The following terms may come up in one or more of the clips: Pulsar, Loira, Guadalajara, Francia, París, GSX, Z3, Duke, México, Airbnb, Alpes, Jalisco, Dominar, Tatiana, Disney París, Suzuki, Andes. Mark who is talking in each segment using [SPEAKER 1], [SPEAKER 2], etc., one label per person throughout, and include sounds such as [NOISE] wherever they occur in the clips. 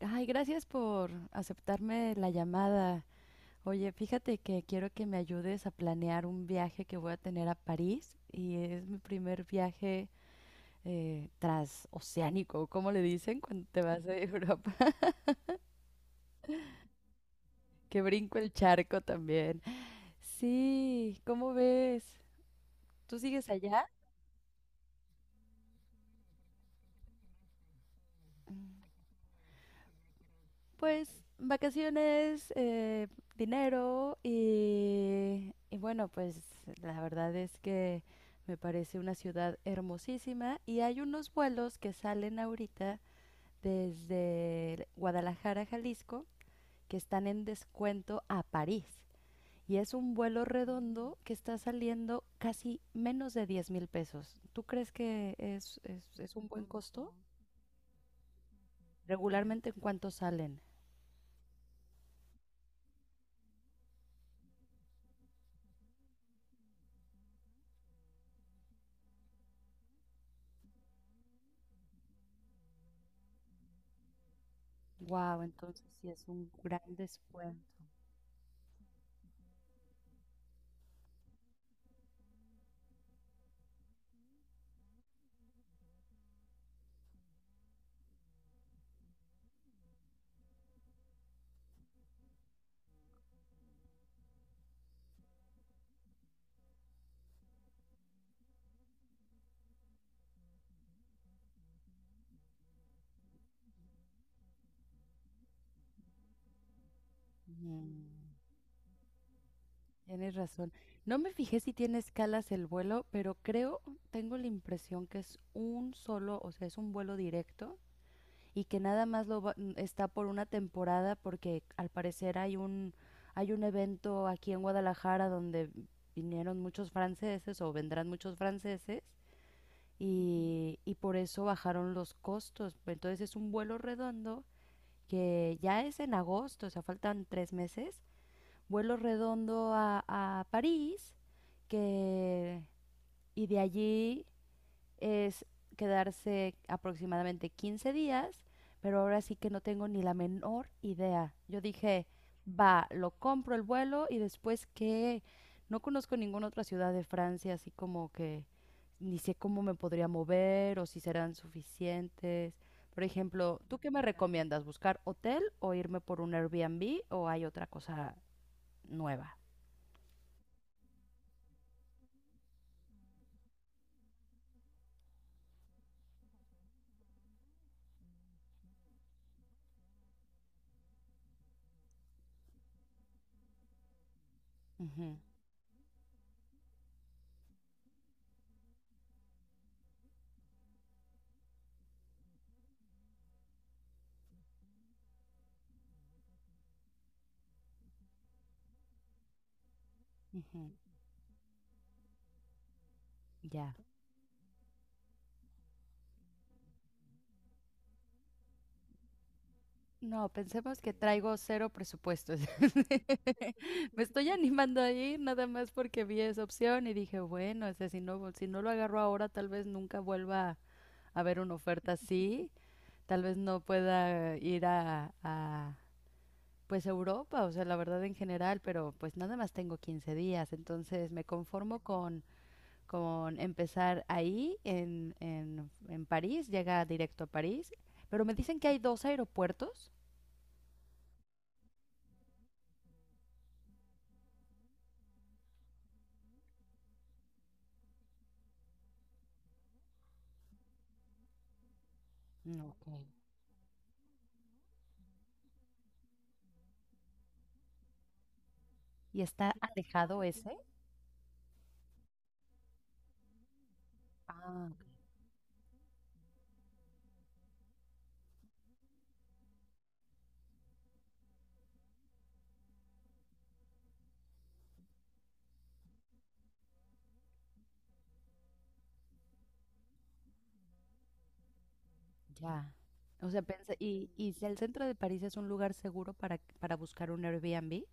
[SPEAKER 1] Ay, gracias por aceptarme la llamada. Oye, fíjate que quiero que me ayudes a planear un viaje que voy a tener a París y es mi primer viaje transoceánico, ¿cómo le dicen cuando te vas de Europa? [LAUGHS] Que brinco el charco también. Sí, ¿cómo ves? ¿Tú sigues allá? Pues vacaciones, dinero y bueno, pues la verdad es que me parece una ciudad hermosísima y hay unos vuelos que salen ahorita desde Guadalajara, Jalisco, que están en descuento a París. Y es un vuelo redondo que está saliendo casi menos de 10,000 pesos. ¿Tú crees que es un buen costo? Regularmente, ¿en cuánto salen? Wow, entonces sí es un gran descuento. Mm, Tienes razón. No me fijé si tiene escalas el vuelo, pero creo, tengo la impresión que es un solo, o sea, es un vuelo directo y que nada más está por una temporada porque al parecer hay un evento aquí en Guadalajara donde vinieron muchos franceses o vendrán muchos franceses y por eso bajaron los costos. Entonces es un vuelo redondo que ya es en agosto, o sea, faltan 3 meses, vuelo redondo a París, que, y de allí es quedarse aproximadamente 15 días, pero ahora sí que no tengo ni la menor idea. Yo dije, va, lo compro el vuelo y después que no conozco ninguna otra ciudad de Francia, así como que ni sé cómo me podría mover o si serán suficientes. Por ejemplo, ¿tú qué me recomiendas? ¿Buscar hotel o irme por un Airbnb o hay otra cosa nueva? Ujú. Ujú. Ya. No, pensemos que traigo cero presupuesto. [LAUGHS] Me estoy animando a ir nada más porque vi esa opción y dije, bueno, o sea, si no lo agarro ahora, tal vez nunca vuelva a ver una oferta así, tal vez no pueda ir a, pues Europa, o sea, la verdad en general, pero pues nada más tengo 15 días, entonces me conformo con, con empezar ahí en París, llega directo a París, pero me dicen que hay dos aeropuertos. No, ok. ¿Y está alejado ese? Ah, ya. O sea, pensé, y si el centro de París es un lugar seguro para buscar un Airbnb?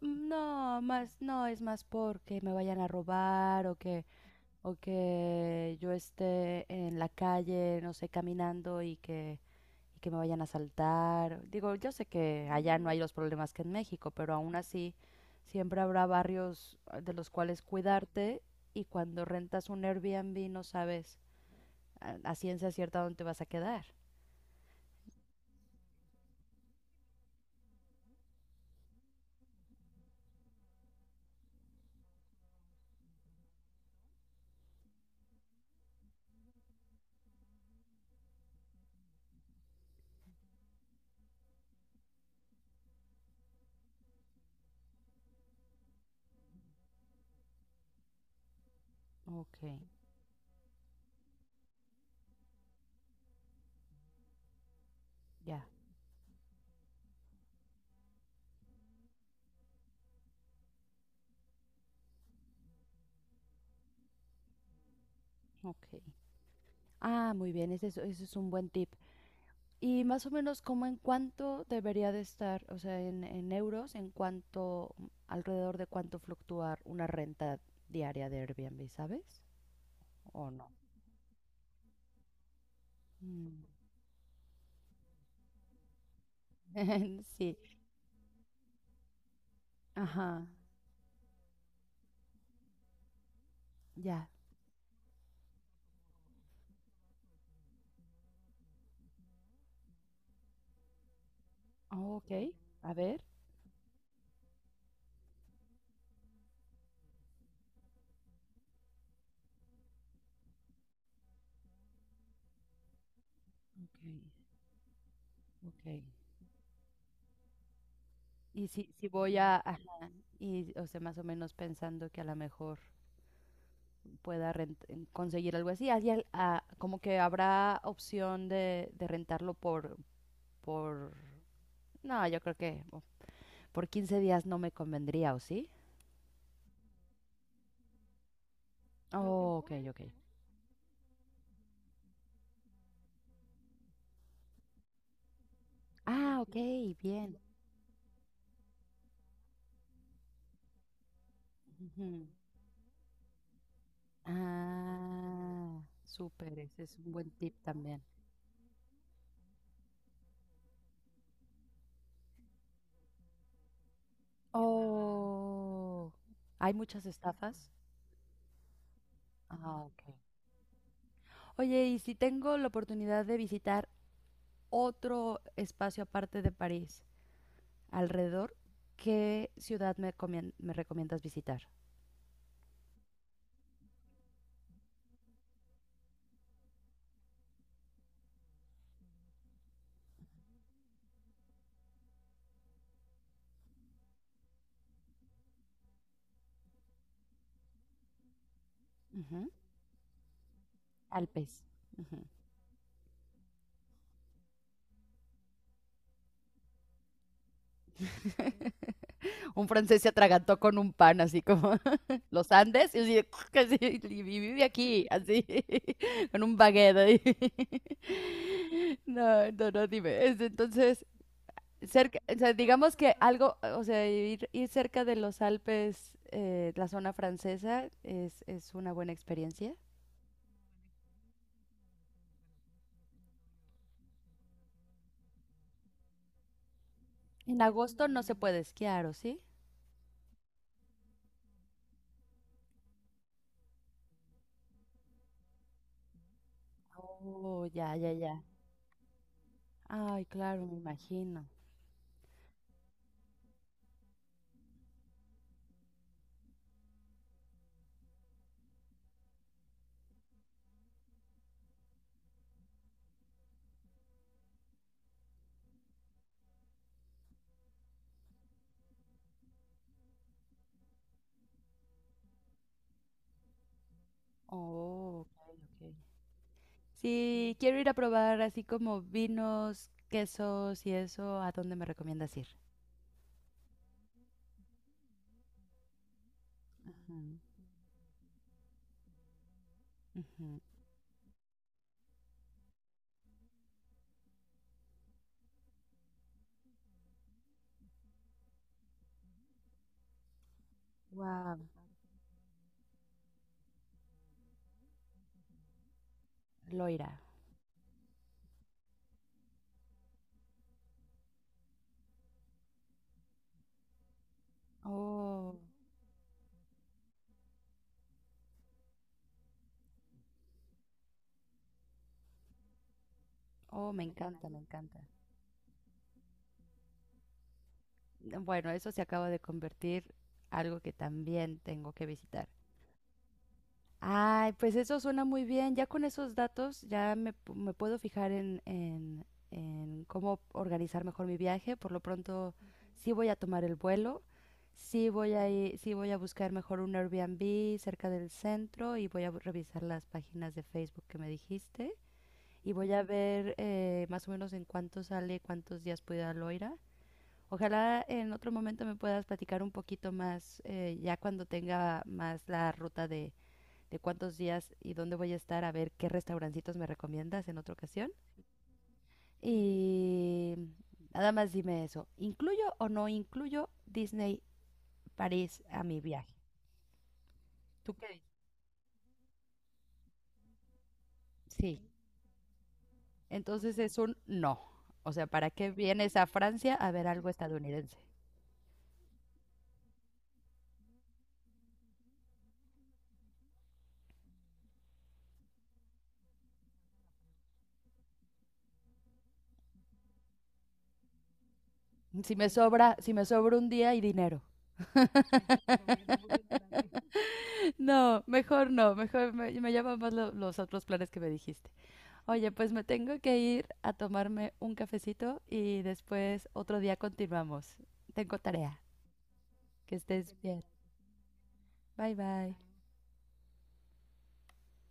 [SPEAKER 1] No, más, no, es más porque me vayan a robar o que yo esté en la calle, no sé, caminando y que me vayan a asaltar. Digo, yo sé que allá no hay los problemas que en México, pero aún así siempre habrá barrios de los cuales cuidarte y cuando rentas un Airbnb no sabes a ciencia cierta dónde te vas a quedar. Ok, ya, ok. Ah, muy bien, ese es un buen tip. Y más o menos, ¿cómo en cuánto debería de estar, o sea, en euros, en cuánto, alrededor de cuánto fluctuar una renta diaria de Airbnb, ¿sabes? ¿O no? Mm. [LAUGHS] Sí, ajá, ya. Oh, ok, a ver. Ok, ok. Y si voy a, ajá, y, o sea, más o menos pensando que a lo mejor pueda conseguir algo así. Así como que habrá opción de rentarlo por... No, yo creo que oh, por 15 días no me convendría, ¿o sí? Oh, ok, ok. Ah, ok, bien. Ujú. Ah, súper, ese es un buen tip también. Oh, ¿hay muchas estafas? Ah, ok. Oye, ¿y si tengo la oportunidad de visitar otro espacio aparte de París? Alrededor, ¿qué ciudad me, me recomiendas visitar? Ujú. Alpes. Ujú. [LAUGHS] Un francés se atragantó con un pan, así como [LAUGHS] los Andes, y, así, [LAUGHS] así, y vive aquí, así, [LAUGHS] con un baguette. Ahí. [LAUGHS] No, no, no, dime. Entonces, cerca, o sea, digamos que algo, o sea, ir cerca de los Alpes, la zona francesa, es una buena experiencia. En agosto no se puede esquiar, ¿o sí? Oh, ya, ya, ya. Ay, claro, me imagino. Oh, ok, ok. Sí, quiero ir a probar así como vinos, quesos y eso. ¿A dónde me recomiendas ir? Wow, Loira. Oh, oh, me encanta, me encanta. Bueno, eso se acaba de convertir algo que también tengo que visitar. Ay, pues eso suena muy bien. Ya con esos datos ya me, me puedo fijar en cómo organizar mejor mi viaje. Por lo pronto, sí voy a tomar el vuelo, sí voy a buscar mejor un Airbnb cerca del centro y voy a revisar las páginas de Facebook que me dijiste y voy a ver más o menos en cuánto sale, cuántos días puedo ir a Loira. Ojalá en otro momento me puedas platicar un poquito más ya cuando tenga más la ruta de cuántos días y dónde voy a estar, a ver qué restaurancitos me recomiendas en otra ocasión. Y nada más dime eso, ¿incluyo o no incluyo Disney París a mi viaje? ¿Tú qué dices? Sí, entonces es un no. O sea, ¿para qué vienes a Francia a ver algo estadounidense? Si me sobra, si me sobra un día y dinero. [LAUGHS] No, mejor no, mejor me llaman más los otros planes que me dijiste. Oye, pues me tengo que ir a tomarme un cafecito y después otro día continuamos. Tengo tarea. Que estés bien. Bye bye.